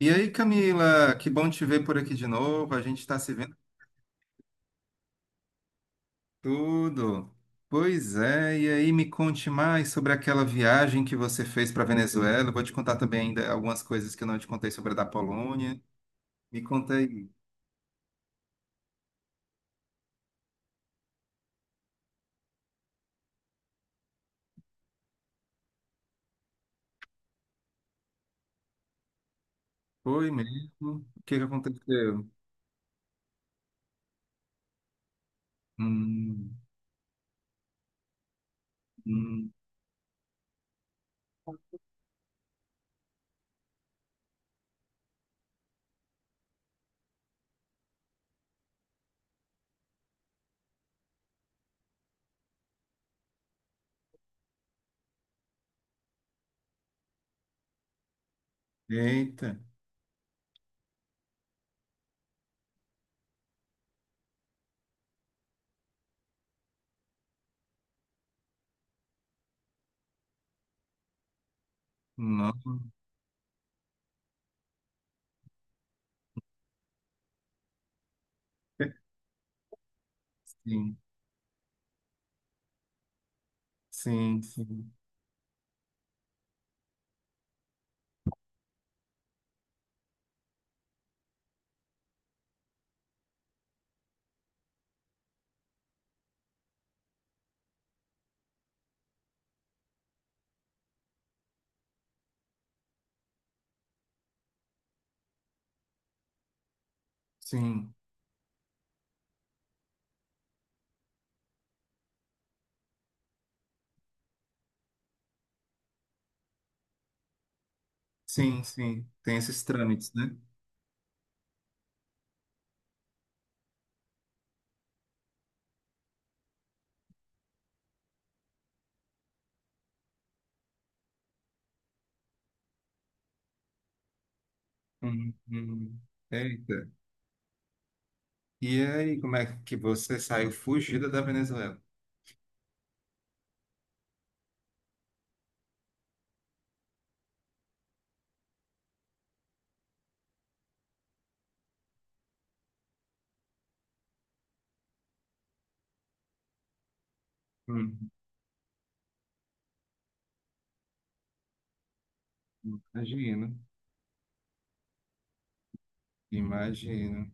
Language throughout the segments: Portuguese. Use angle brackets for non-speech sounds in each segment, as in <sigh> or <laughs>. E aí, Camila, que bom te ver por aqui de novo. A gente está se vendo tudo. Pois é, e aí me conte mais sobre aquela viagem que você fez para Venezuela. Eu vou te contar também ainda algumas coisas que eu não te contei sobre a da Polônia. Me conta aí. Foi mesmo? O que que aconteceu? Hum, hum, eita, não. Sim, sim, sim, sim, sim, sim. Tem esses trâmites, né? Hum, hum. Eita. E aí, como é que você saiu fugida da Venezuela? Hum, imagino, imagino.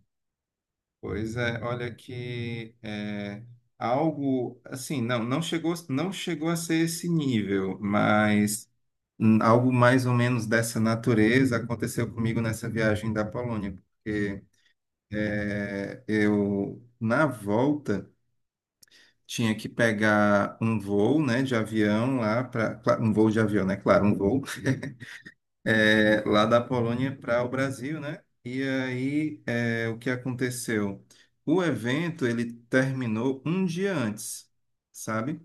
Pois é, olha que é, algo assim, não, não chegou a ser esse nível, mas algo mais ou menos dessa natureza aconteceu comigo nessa viagem da Polônia, porque eu na volta tinha que pegar um voo, né, de avião lá para um voo de avião, né? Claro, um voo. <laughs> Lá da Polônia para o Brasil, né? E aí, o que aconteceu? O evento ele terminou um dia antes, sabe?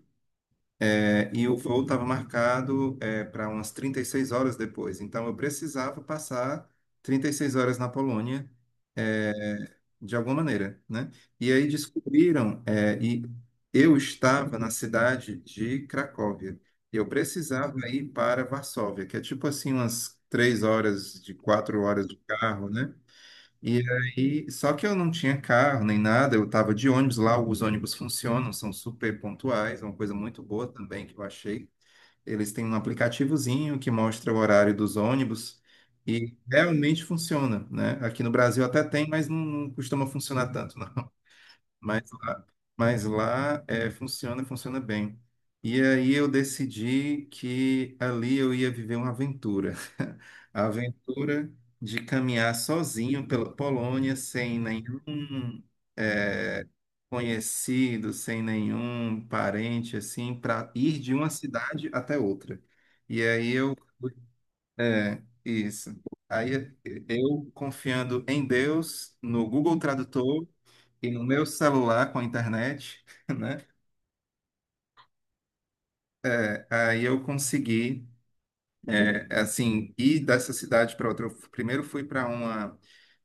E o voo estava marcado para umas 36 horas depois. Então, eu precisava passar 36 horas na Polônia, é, de alguma maneira, né? E aí descobriram, eu estava na cidade de Cracóvia. Eu precisava ir para Varsóvia, que é tipo assim umas 3 horas de 4 horas de carro, né? E aí, só que eu não tinha carro nem nada, eu estava de ônibus lá, os ônibus funcionam, são super pontuais, é uma coisa muito boa também que eu achei. Eles têm um aplicativozinho que mostra o horário dos ônibus e realmente funciona, né? Aqui no Brasil até tem, mas não, não costuma funcionar tanto, não. Mas lá, mas lá funciona, funciona bem. E aí eu decidi que ali eu ia viver uma aventura. <laughs> A aventura de caminhar sozinho pela Polônia, sem nenhum é, conhecido, sem nenhum parente, assim, para ir de uma cidade até outra. E aí eu isso. Aí eu confiando em Deus, no Google Tradutor e no meu celular com a internet, <laughs> né? Aí eu consegui, assim, ir dessa cidade para outra. Primeiro fui para uma,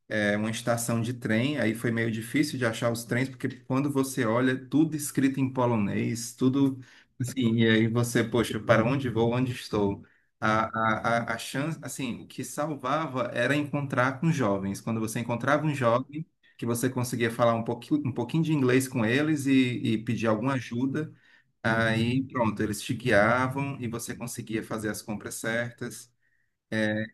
uma estação de trem, aí foi meio difícil de achar os trens, porque quando você olha, tudo escrito em polonês, tudo assim, e aí você, poxa, para onde vou, onde estou? A chance, assim, o que salvava era encontrar com jovens. Quando você encontrava um jovem, que você conseguia falar um pouquinho de inglês com eles e pedir alguma ajuda. Aí, pronto, eles te guiavam e você conseguia fazer as compras certas.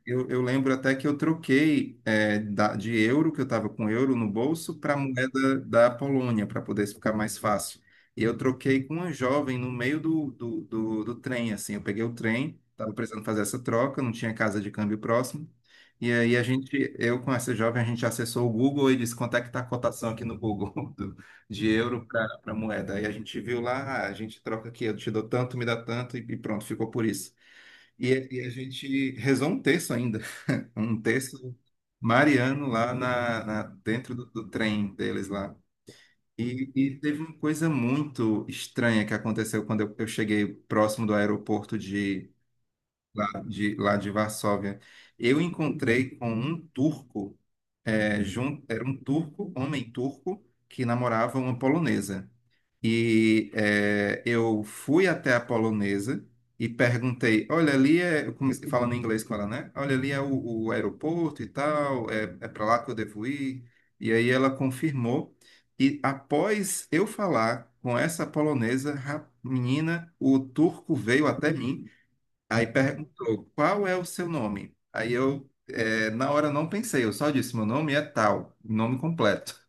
Eu lembro até que eu troquei de euro, que eu estava com euro no bolso, para moeda da Polônia, para poder ficar mais fácil. E eu troquei com uma jovem no meio do trem, assim. Eu peguei o trem, estava precisando fazer essa troca, não tinha casa de câmbio próximo. E aí a gente, eu com essa jovem, a gente acessou o Google e disse quanto é que está a cotação aqui no Google <laughs> do- de euro para moeda. Aí a gente viu lá, "Ah, a gente troca aqui, eu te dou tanto, me dá tanto, e pronto, ficou por isso." E a gente rezou um terço ainda um texto mariano lá dentro do trem deles lá. E teve uma coisa muito estranha que aconteceu quando eu cheguei próximo do aeroporto de lá de Varsóvia. Eu encontrei com um turco, era um turco, homem turco, que namorava uma polonesa. E eu fui até a polonesa e perguntei: olha, ali é. Eu comecei falando em inglês com ela, né? Olha, ali é o aeroporto e tal, é para lá que eu devo ir. E aí ela confirmou. E após eu falar com essa polonesa, menina, o turco veio até mim, aí perguntou: qual é o seu nome? Aí eu, na hora, não pensei, eu só disse: meu nome é tal, nome completo.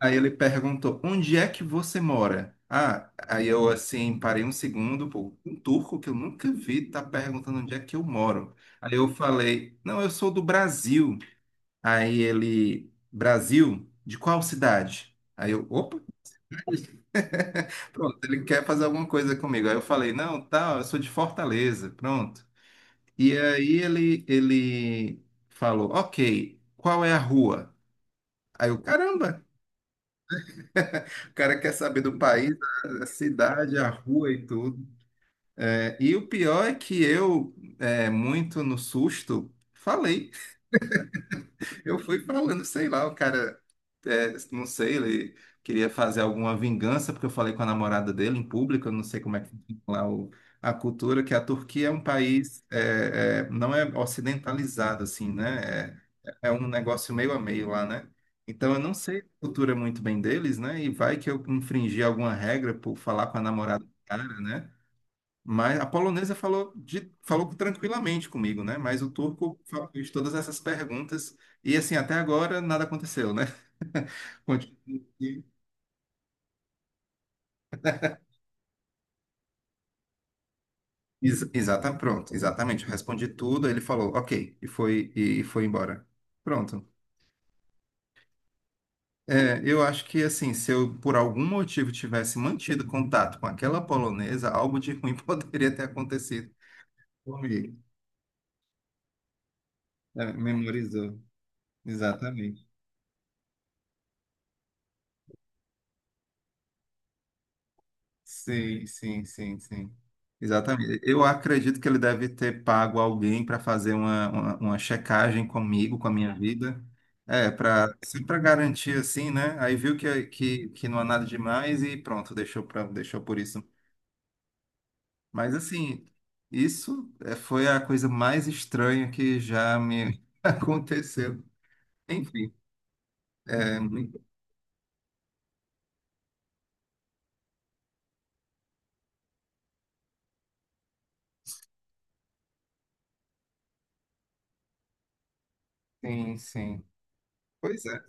Aí ele perguntou: onde é que você mora? Ah, aí eu assim parei um segundo, pô, um turco que eu nunca vi tá perguntando onde é que eu moro. Aí eu falei: não, eu sou do Brasil. Aí ele: Brasil? De qual cidade? Aí eu: opa, <laughs> pronto, ele quer fazer alguma coisa comigo. Aí eu falei: não, tá, eu sou de Fortaleza, pronto. E aí ele falou: ok, qual é a rua? Aí eu: caramba. O cara quer saber do país, a cidade, a rua e tudo. É, e o pior é que eu, muito no susto, falei. <laughs> Eu fui falando, sei lá, o cara, não sei, ele queria fazer alguma vingança, porque eu falei com a namorada dele em público, eu não sei como é que funciona a cultura, que a Turquia é um país, não é ocidentalizado, assim, né? É um negócio meio a meio lá, né? Então eu não sei a cultura muito bem deles, né? E vai que eu infringi alguma regra por falar com a namorada do cara, né? Mas a polonesa falou, falou tranquilamente comigo, né? Mas o turco fez todas essas perguntas e, assim, até agora nada aconteceu, né? <laughs> Continu- Ex exata, pronto, exatamente. Eu respondi tudo, ele falou, ok, e foi embora. Pronto. É, eu acho que, assim, se eu por algum motivo tivesse mantido contato com aquela polonesa, algo de ruim <laughs> poderia ter acontecido comigo. É, memorizou, exatamente. Sim, sim, sim, sim. Exatamente. Eu acredito que ele deve ter pago alguém para fazer uma, uma checagem comigo, com a minha vida. É, para sempre para garantir assim, né? Aí viu que não há nada demais e pronto, deixou por isso. Mas assim, isso é, foi a coisa mais estranha que já me <laughs> aconteceu. Enfim, é, sim, sim. Pois é.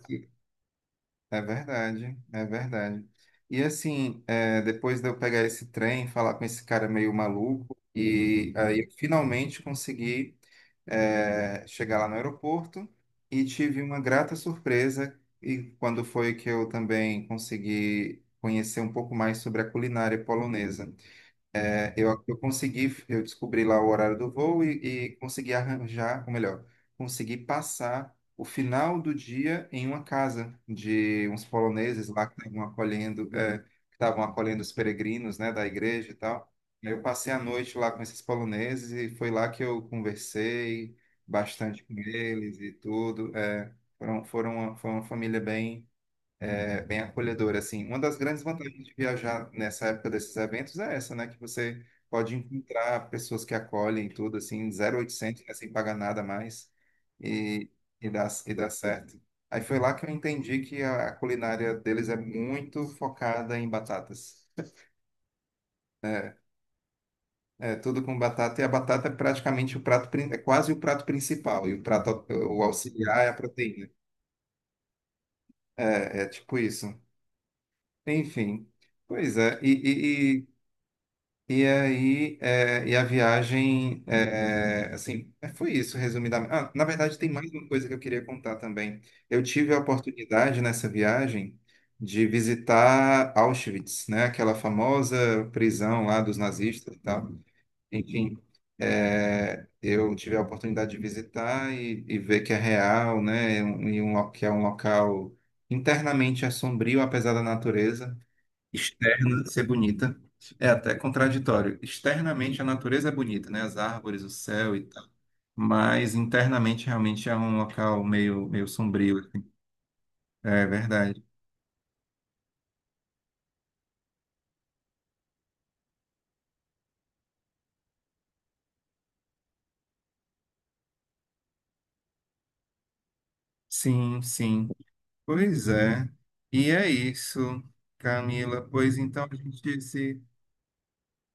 É verdade, é verdade. E assim, depois de eu pegar esse trem, falar com esse cara meio maluco, e aí eu finalmente consegui, chegar lá no aeroporto e tive uma grata surpresa. E quando foi que eu também consegui conhecer um pouco mais sobre a culinária polonesa. Eu consegui, eu descobri lá o horário do voo e consegui arranjar, ou melhor, consegui passar o final do dia em uma casa de uns poloneses lá que estavam acolhendo, que estavam acolhendo os peregrinos, né, da igreja e tal. E aí eu passei a noite lá com esses poloneses e foi lá que eu conversei bastante com eles e tudo. É, foi uma família bem bem acolhedor, assim. Uma das grandes vantagens de viajar nessa época desses eventos é essa, né? Que você pode encontrar pessoas que acolhem e tudo, assim, 0800, né? Sem pagar nada mais e, e dá certo. Aí foi lá que eu entendi que a culinária deles é muito focada em batatas. É é tudo com batata, e a batata é praticamente o prato, é quase o prato principal, e o prato, o auxiliar é a proteína. É, é tipo isso. Enfim, pois é, e aí, e a viagem, foi isso, resumidamente. Ah, na verdade, tem mais uma coisa que eu queria contar também. Eu tive a oportunidade nessa viagem de visitar Auschwitz, né? Aquela famosa prisão lá dos nazistas e tal. Enfim, eu tive a oportunidade de visitar e ver que é real, né? E um, que é um local internamente assombrio, apesar da natureza externa ser bonita. É até contraditório. Externamente a natureza é bonita, né? As árvores, o céu e tal. Mas internamente realmente é um local meio, meio sombrio assim. É verdade. Sim, sim. Pois é. E é isso, Camila. Pois então a gente se.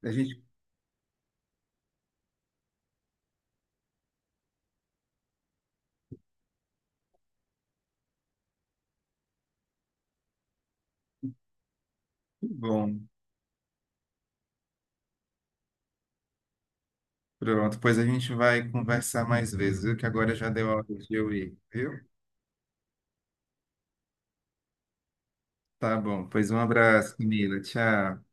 A gente. Que bom, pronto. Pois a gente vai conversar mais vezes, viu? Que agora já deu a hora de eu ir, viu? Tá bom. Pois um abraço, Camila. Tchau.